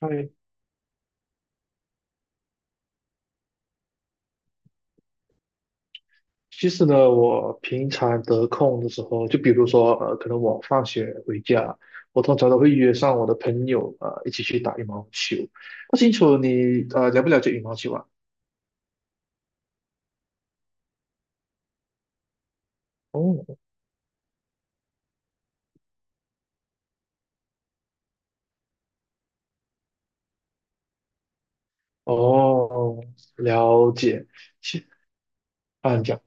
哎，其实呢，我平常得空的时候，就比如说，可能我放学回家，我通常都会约上我的朋友，一起去打羽毛球。不清楚你，了不了解羽毛球啊？哦，哦，了解。其按你讲。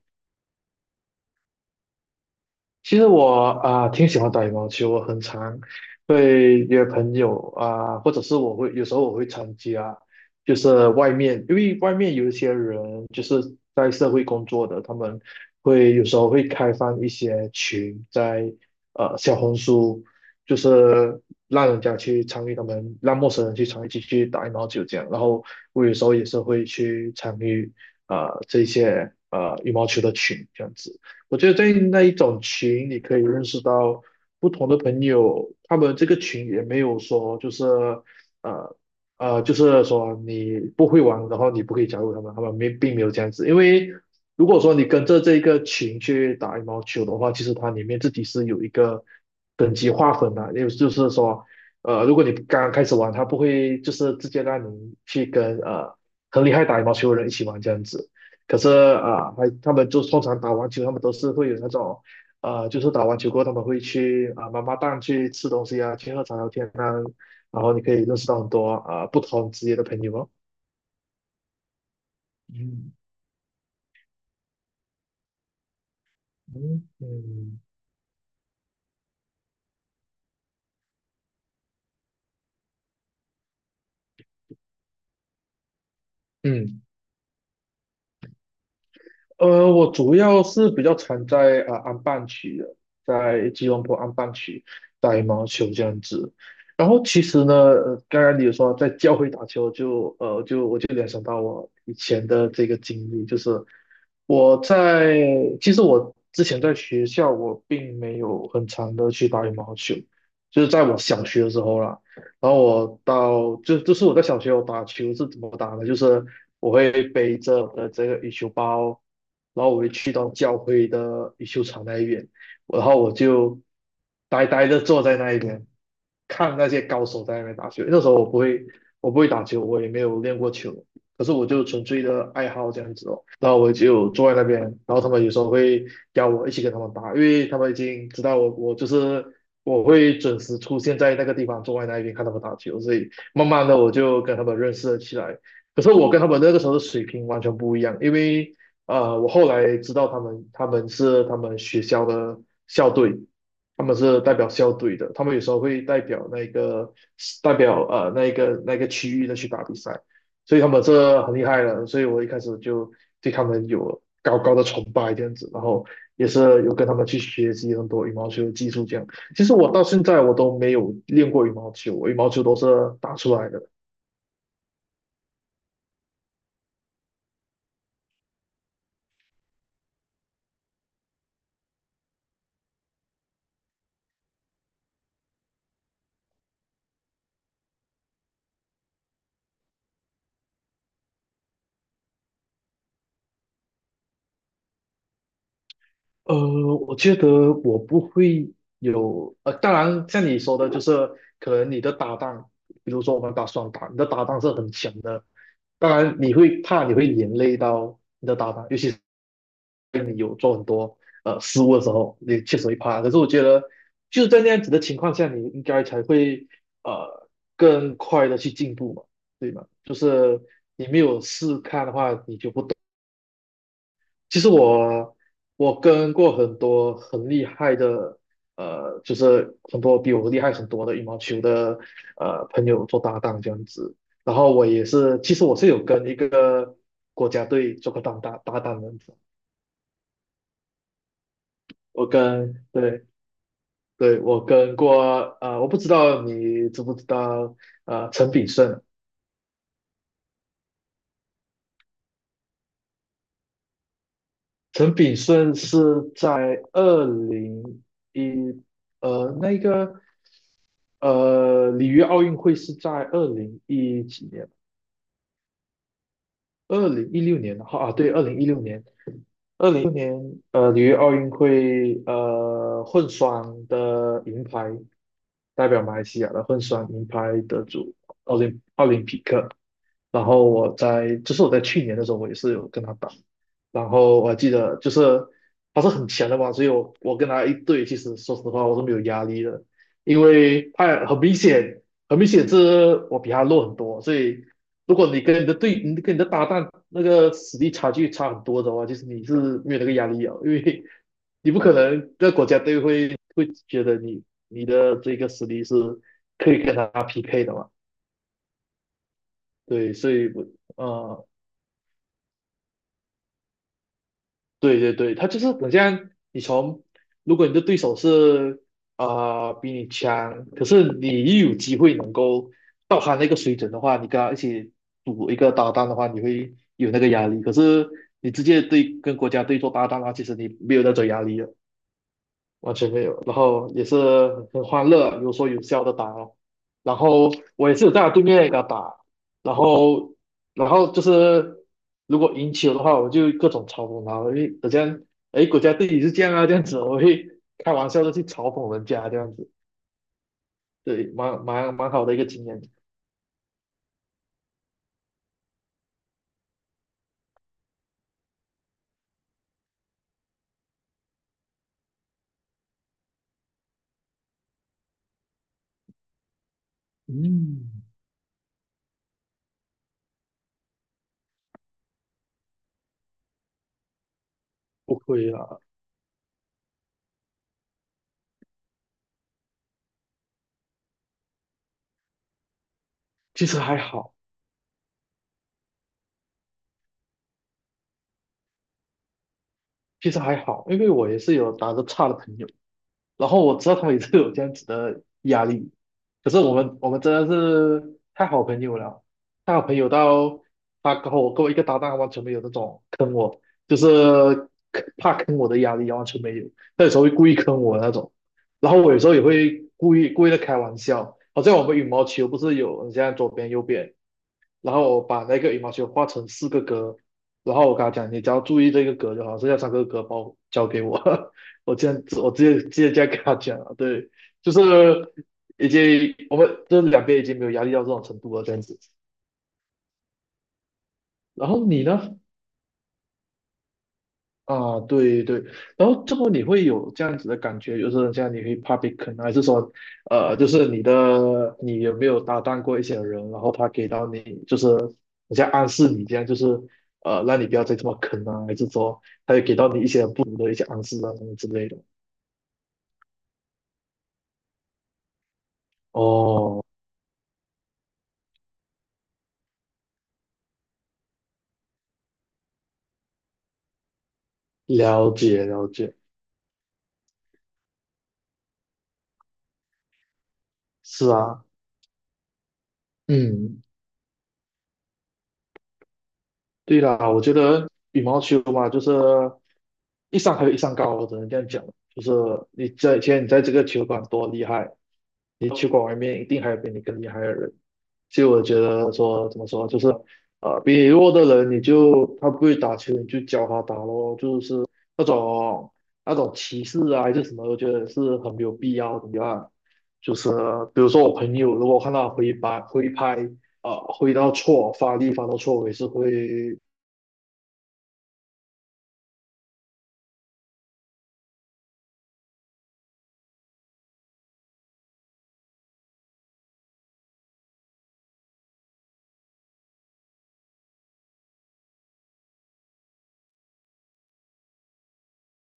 其实我啊、挺喜欢打羽毛球，我很常会约朋友啊、或者是有时候我会参加，就是外面，因为外面有一些人就是在社会工作的，他们有时候会开放一些群在小红书，就是让人家去参与他们，让陌生人去参与进去打羽毛球这样，然后我有时候也是会去参与啊这些羽毛球的群这样子。我觉得在那一种群，你可以认识到不同的朋友，他们这个群也没有说就是呃就是说你不会玩，然后你不可以加入他们，他们没并没有这样子。因为如果说你跟着这个群去打羽毛球的话，其实它里面自己是有一个等级划分的，也就是说，如果你刚刚开始玩，他不会就是直接让你去跟很厉害打羽毛球的人一起玩这样子。可是啊，还他们就通常打完球，他们都是会有那种，就是打完球过后，他们会去啊妈妈档去吃东西啊，去喝茶聊天啊，然后你可以认识到很多啊不同职业的朋友哦。嗯嗯嗯嗯。我主要是比较常在啊、安邦区的，在吉隆坡安邦区打羽毛球这样子。然后其实呢，刚刚你有说在教会打球就，我就联想到我以前的这个经历，就是我在其实我之前在学校我并没有很常的去打羽毛球，就是在我小学的时候啦。然后我到就就是我在小学我打球是怎么打的，就是我会背着我的这个羽球包，然后我会去到教会的羽球场那一边，然后我就呆呆的坐在那一边，看那些高手在那边打球。那时候我不会打球，我也没有练过球，可是我就纯粹的爱好这样子哦，然后我就坐在那边，然后他们有时候会邀我一起跟他们打，因为他们已经知道我我就是我会准时出现在那个地方，坐在那边看他们打球，所以慢慢的我就跟他们认识了起来。可是我跟他们那个时候的水平完全不一样，因为我后来知道他们是他们学校的校队，他们是代表校队的，他们有时候会代表那个区域的去打比赛。所以他们这很厉害了，所以我一开始就对他们有高高的崇拜这样子，然后也是有跟他们去学习很多羽毛球的技术这样。其实我到现在我都没有练过羽毛球，我羽毛球都是打出来的。呃，我觉得我不会有，当然像你说的，就是可能你的搭档，比如说我们打双打，你的搭档是很强的，当然你会怕你会连累到你的搭档，尤其。你有做很多失误的时候，你确实会怕。可是我觉得就是在那样子的情况下，你应该才会呃更快的去进步嘛，对吗？就是你没有试看的话，你就不懂。其实我跟过很多很厉害的就是很多比我厉害很多的羽毛球的朋友做搭档这样子。然后我也是，其实我是有跟一个国家队做过搭档的，对对，我跟过，我不知道你知不知道，陈炳顺，陈炳顺是在二零一，呃，那个，呃，里约奥运会是在201几年，二零一六年，啊，对，二零一六年，二零一六年，里约奥运会，混双的银牌，代表马来西亚的混双银牌得主奥林匹克。然后我在去年的时候，我也是有跟他打，然后我还记得就是他是很强的嘛，所以我跟他一对，其实说实话我是没有压力的，因为他很明显是我比他弱很多，所以如果你跟你的队，你跟你的搭档那个实力差距差很多的话，其实你是没有那个压力啊，因为你不可能在国家队会觉得你的这个实力是可以跟他匹配的嘛？对。所以我呃，对对对，他就是好像你从，如果你的对手是啊、比你强，可是你又有机会能够到他那个水准的话，你跟他一起赌一个搭档的话，你会有那个压力。可是你直接对跟国家队做搭档的话，其实你没有那种压力了。完全没有。然后也是很欢乐，有说有笑的打哦。然后我也是有在他对面给他打，然后就是如果赢球的话，我就各种嘲讽他，我会好像哎国家队也是这样啊这样子，我会开玩笑的去嘲讽人家这样子，对，蛮好的一个经验。嗯，不亏啊，其实还好，其实还好，因为我也是有打得差的朋友。然后我知道他们也是有这样子的压力，可是我们真的是太好朋友了，太好朋友到他跟我一个搭档完全没有那种坑我，就是怕坑我的压力啊完全没有，他有时候会故意坑我的那种，然后我有时候也会故意的开玩笑，好像我们羽毛球不是有你现在左边右边，然后我把那个羽毛球画成四个格，然后我跟他讲，你只要注意这个格就好，剩下三个格包交给我。我这样子，我直接这样跟他讲了，对，就是已经我们这两边已经没有压力到这种程度了，这样子。然后你呢？啊，对对，然后这么你会有这样子的感觉，就是这样你会怕被坑啊，还是说，就是你有没有搭档过一些人，然后他给到你就是好像暗示你这样，就是让你不要再这么坑啊，还是说他有给到你一些不同的一些暗示啊什么之类的？哦，了解了解，是啊，嗯，对啦，我觉得羽毛球嘛，就是一山还有一山高，我只能这样讲。就是现在你在这个球馆多厉害，你球馆外面一定还有比你更厉害的人。所以我觉得说怎么说，就是比你弱的人，你就他不会打球，你就教他打咯，就是那种那种歧视啊还是什么，我觉得是很没有必要的啊。就是比如说我朋友，如果看到挥拍挥拍。啊，挥到错，发力发到错，我也是会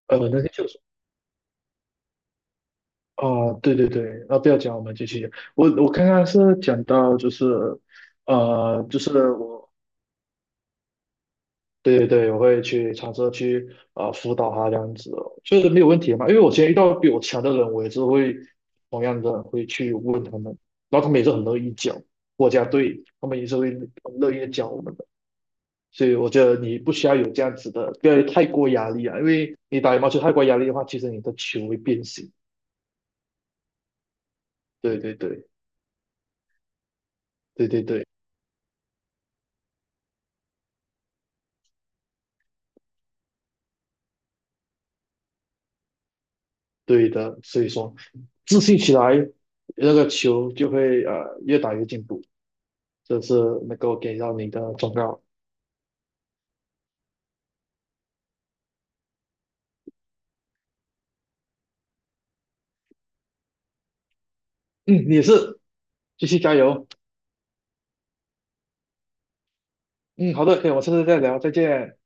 那个就是啊，对对对，啊，不要讲，我们继续。我刚刚是讲到就是，就是我，对对对，我会去尝试去辅导他这样子哦，就是没有问题嘛。因为我今天遇到比我强的人，我也是同样的会去问他们，然后他们也是很乐意教国家队他们也是会很乐意地讲我们的。所以我觉得你不需要有这样子的，不要有太过压力啊，因为你打羽毛球太过压力的话，其实你的球会变形。对对对对对对。对的，所以说自信起来，那个球就会越打越进步，这是能够给到你的忠告。嗯，你也是，继续加油。嗯，好的，可以，我们下次再聊，再见。